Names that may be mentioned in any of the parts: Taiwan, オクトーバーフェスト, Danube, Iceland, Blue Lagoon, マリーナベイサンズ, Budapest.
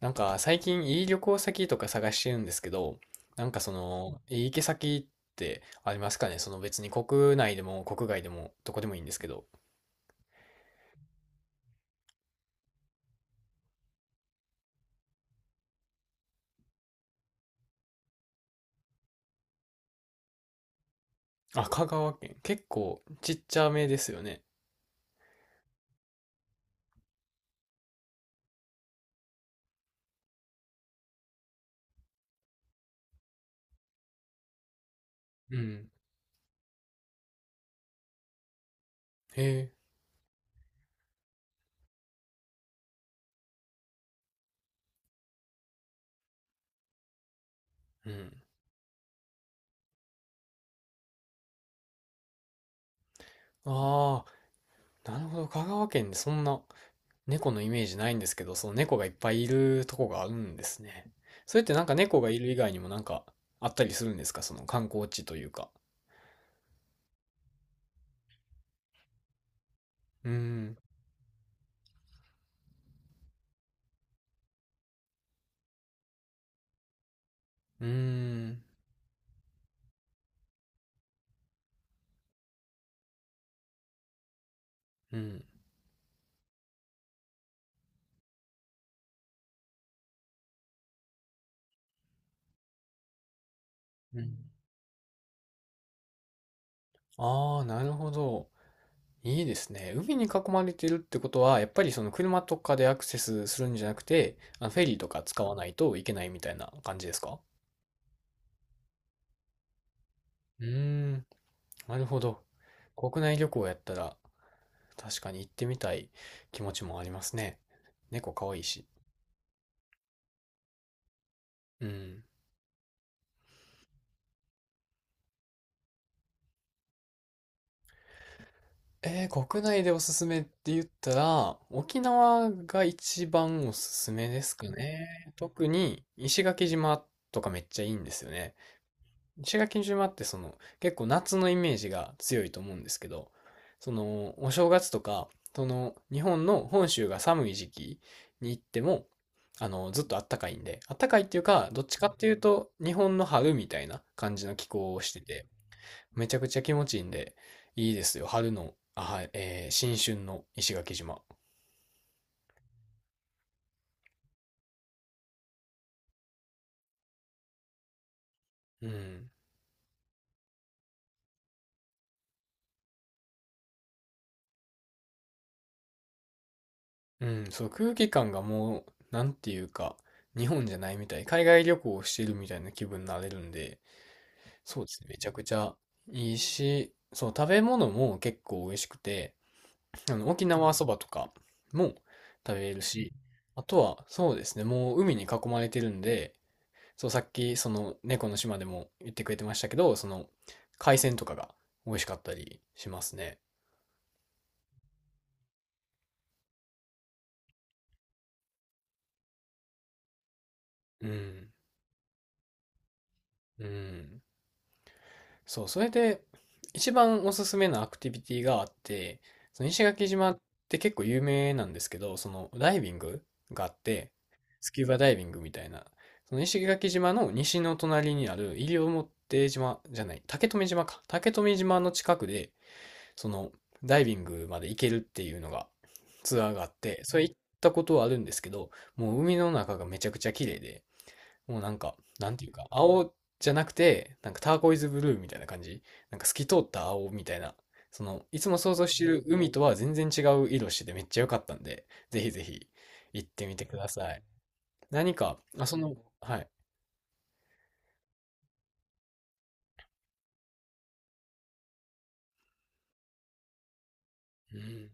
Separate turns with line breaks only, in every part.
なんか最近いい旅行先とか探してるんですけど、なんかいい行き先ってありますかね別に国内でも国外でもどこでもいいんですけど。あ、香川県。結構ちっちゃめですよね。うん。へえ。うん。ああ、なるほど。香川県でそんな猫のイメージないんですけど、その猫がいっぱいいるとこがあるんですね。それってなんか猫がいる以外にもなんかあったりするんですか、その観光地というか。うーん。うーん。うん。うん、ああ、なるほど。いいですね。海に囲まれてるってことは、やっぱりその車とかでアクセスするんじゃなくて、あのフェリーとか使わないといけないみたいな感じですか？うーん、なるほど。国内旅行やったら、確かに行ってみたい気持ちもありますね。猫可愛いし。うん。国内でおすすめって言ったら、沖縄が一番おすすめですかね。特に石垣島とかめっちゃいいんですよね。石垣島って結構夏のイメージが強いと思うんですけど、そのお正月とか、その日本の本州が寒い時期に行っても、ずっと暖かいんで、暖かいっていうか、どっちかっていうと日本の春みたいな感じの気候をしてて、めちゃくちゃ気持ちいいんで、いいですよ。あ、はい、新春の石垣島。うん。うん、そう、空気感がもう、なんていうか、日本じゃないみたい。海外旅行をしてるみたいな気分になれるんで、そうですね。めちゃくちゃいいし、そう、食べ物も結構美味しくて、沖縄そばとかも食べれるし、あとは、そうですね、もう海に囲まれてるんで、そう、さっき、猫の島でも言ってくれてましたけど、海鮮とかが美味しかったりしますね。うん。うん。そう、それで、一番おすすめなアクティビティがあって、その石垣島って結構有名なんですけど、そのダイビングがあって、スキューバダイビングみたいな、その石垣島の西の隣にある西表島じゃない、竹富島か。竹富島の近くで、そのダイビングまで行けるっていうのがツアーがあって、それ行ったことはあるんですけど、もう海の中がめちゃくちゃ綺麗で、もうなんか、なんていうか、青じゃなくて、なんかターコイズブルーみたいな感じ。なんか透き通った青みたいな。いつも想像してる海とは全然違う色しててめっちゃ良かったんで、ぜひぜひ行ってみてください。何か、あ、はい。うん。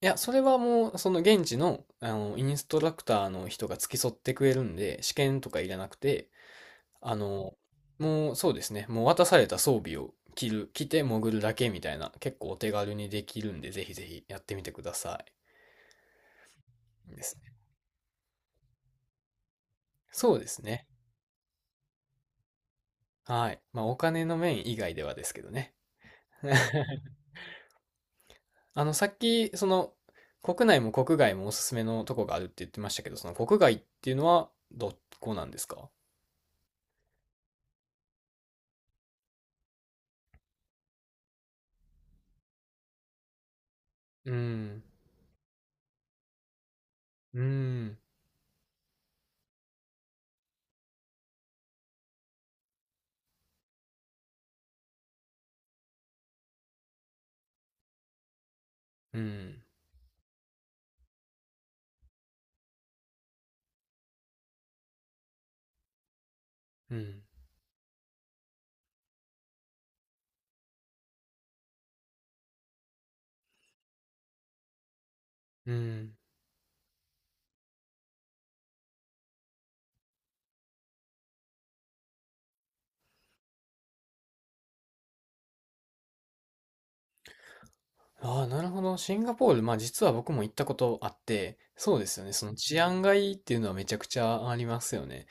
いや、それはもう、その現地の、インストラクターの人が付き添ってくれるんで、試験とかいらなくて、あの、もうそうですね、もう渡された装備を着て潜るだけみたいな、結構お手軽にできるんで、ぜひぜひやってみてください。ですね。そうですね。はい。まあ、お金の面以外ではですけどね。さっき、国内も国外もおすすめのとこがあるって言ってましたけど、その国外っていうのはどこなんですか？うーん、うーん、うーん、うーん、うーん。ああ、なるほど。シンガポール、まあ実は僕も行ったことあって、そうですよね。その治安がいいっていうのはめちゃくちゃありますよね。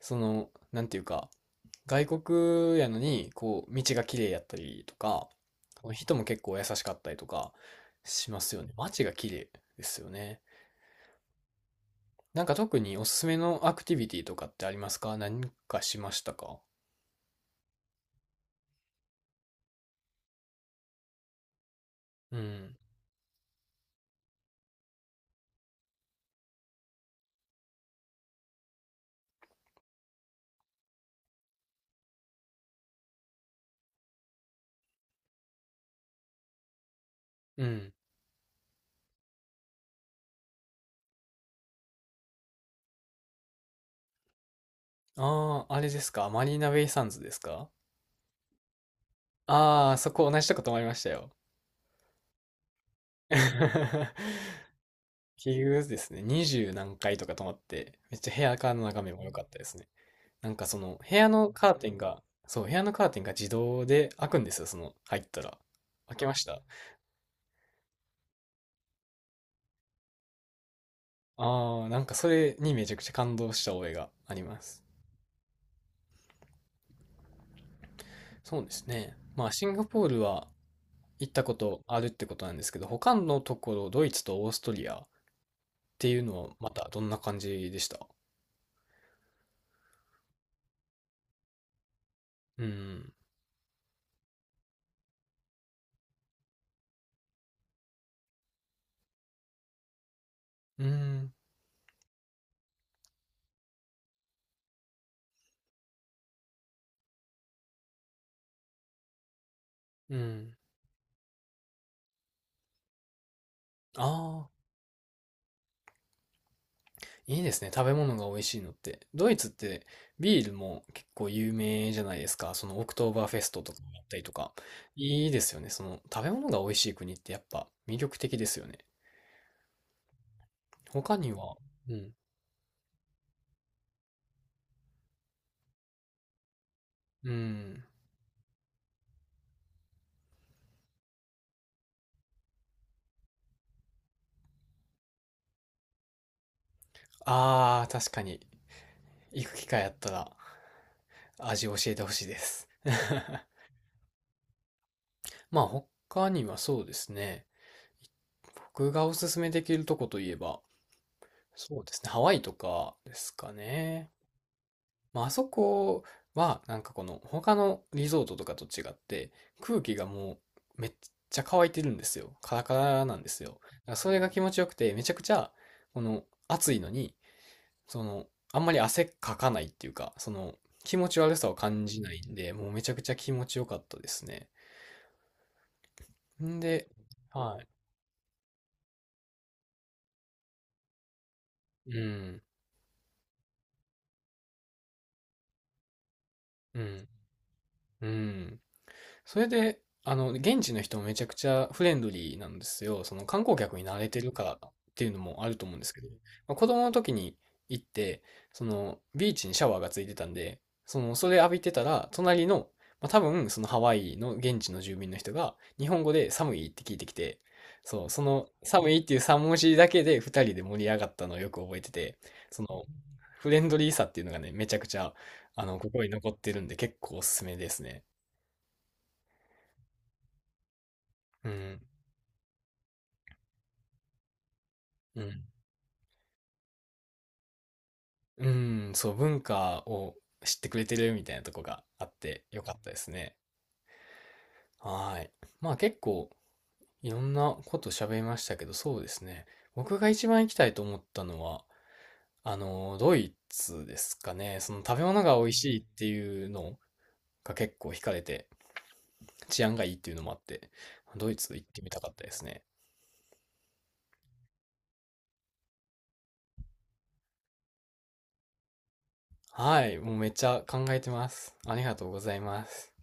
なんていうか、外国やのに、こう、道が綺麗やったりとか、人も結構優しかったりとかしますよね。街が綺麗ですよね。なんか特におすすめのアクティビティとかってありますか？何かしましたか？うん。うん。ああ、あれですか？マリーナベイサンズですか？ああー、そこ同じとこ泊まりましたよ。結局ですね、20何回とか泊まって、めっちゃ部屋からの眺めも良かったですね。なんか部屋のカーテンが、そう、部屋のカーテンが自動で開くんですよ、入ったら。開けました。あー、なんかそれにめちゃくちゃ感動した覚えがあります。そうですね。まあ、シンガポールは行ったことあるってことなんですけど、他のところ、ドイツとオーストリアっていうのはまたどんな感じでした？うん。うん。うん。あ、いいですね。食べ物が美味しいのって。ドイツってビールも結構有名じゃないですか。そのオクトーバーフェストとかやったりとか。いいですよね。その食べ物が美味しい国ってやっぱ魅力的ですよね。他には、うん。うん。ああ、確かに。行く機会あったら味教えてほしいです。まあ他にはそうですね。僕がおすすめできるとこといえば、そうですね。ハワイとかですかね。まあ、あそこは、なんかこの、他のリゾートとかと違って、空気がもう、めっちゃ乾いてるんですよ。カラカラなんですよ。だからそれが気持ちよくて、めちゃくちゃ、この、暑いのに、その、あんまり汗かかないっていうか、気持ち悪さを感じないんで、もうめちゃくちゃ気持ちよかったですね。んで、はい。うん、うん、うん。それで、現地の人もめちゃくちゃフレンドリーなんですよ。その観光客に慣れてるからっていうのもあると思うんですけど、まあ、子供の時に行って、そのビーチにシャワーがついてたんで、それ浴びてたら、隣の、まあ、多分そのハワイの現地の住民の人が日本語で寒いって聞いてきて、そう、その寒いっていう3文字だけで2人で盛り上がったのをよく覚えてて、そのフレンドリーさっていうのがね、めちゃくちゃ、心に残ってるんで結構おすすめですね。うん。うん。うん、そう、文化を知ってくれてるみたいなとこがあってよかったですね。はい。まあ結構いろんなこと喋りましたけど、そうですね。僕が一番行きたいと思ったのは、ドイツですかね。その食べ物が美味しいっていうのが結構惹かれて、治安がいいっていうのもあって、ドイツ行ってみたかったですね。はい。もうめっちゃ考えてます。ありがとうございます。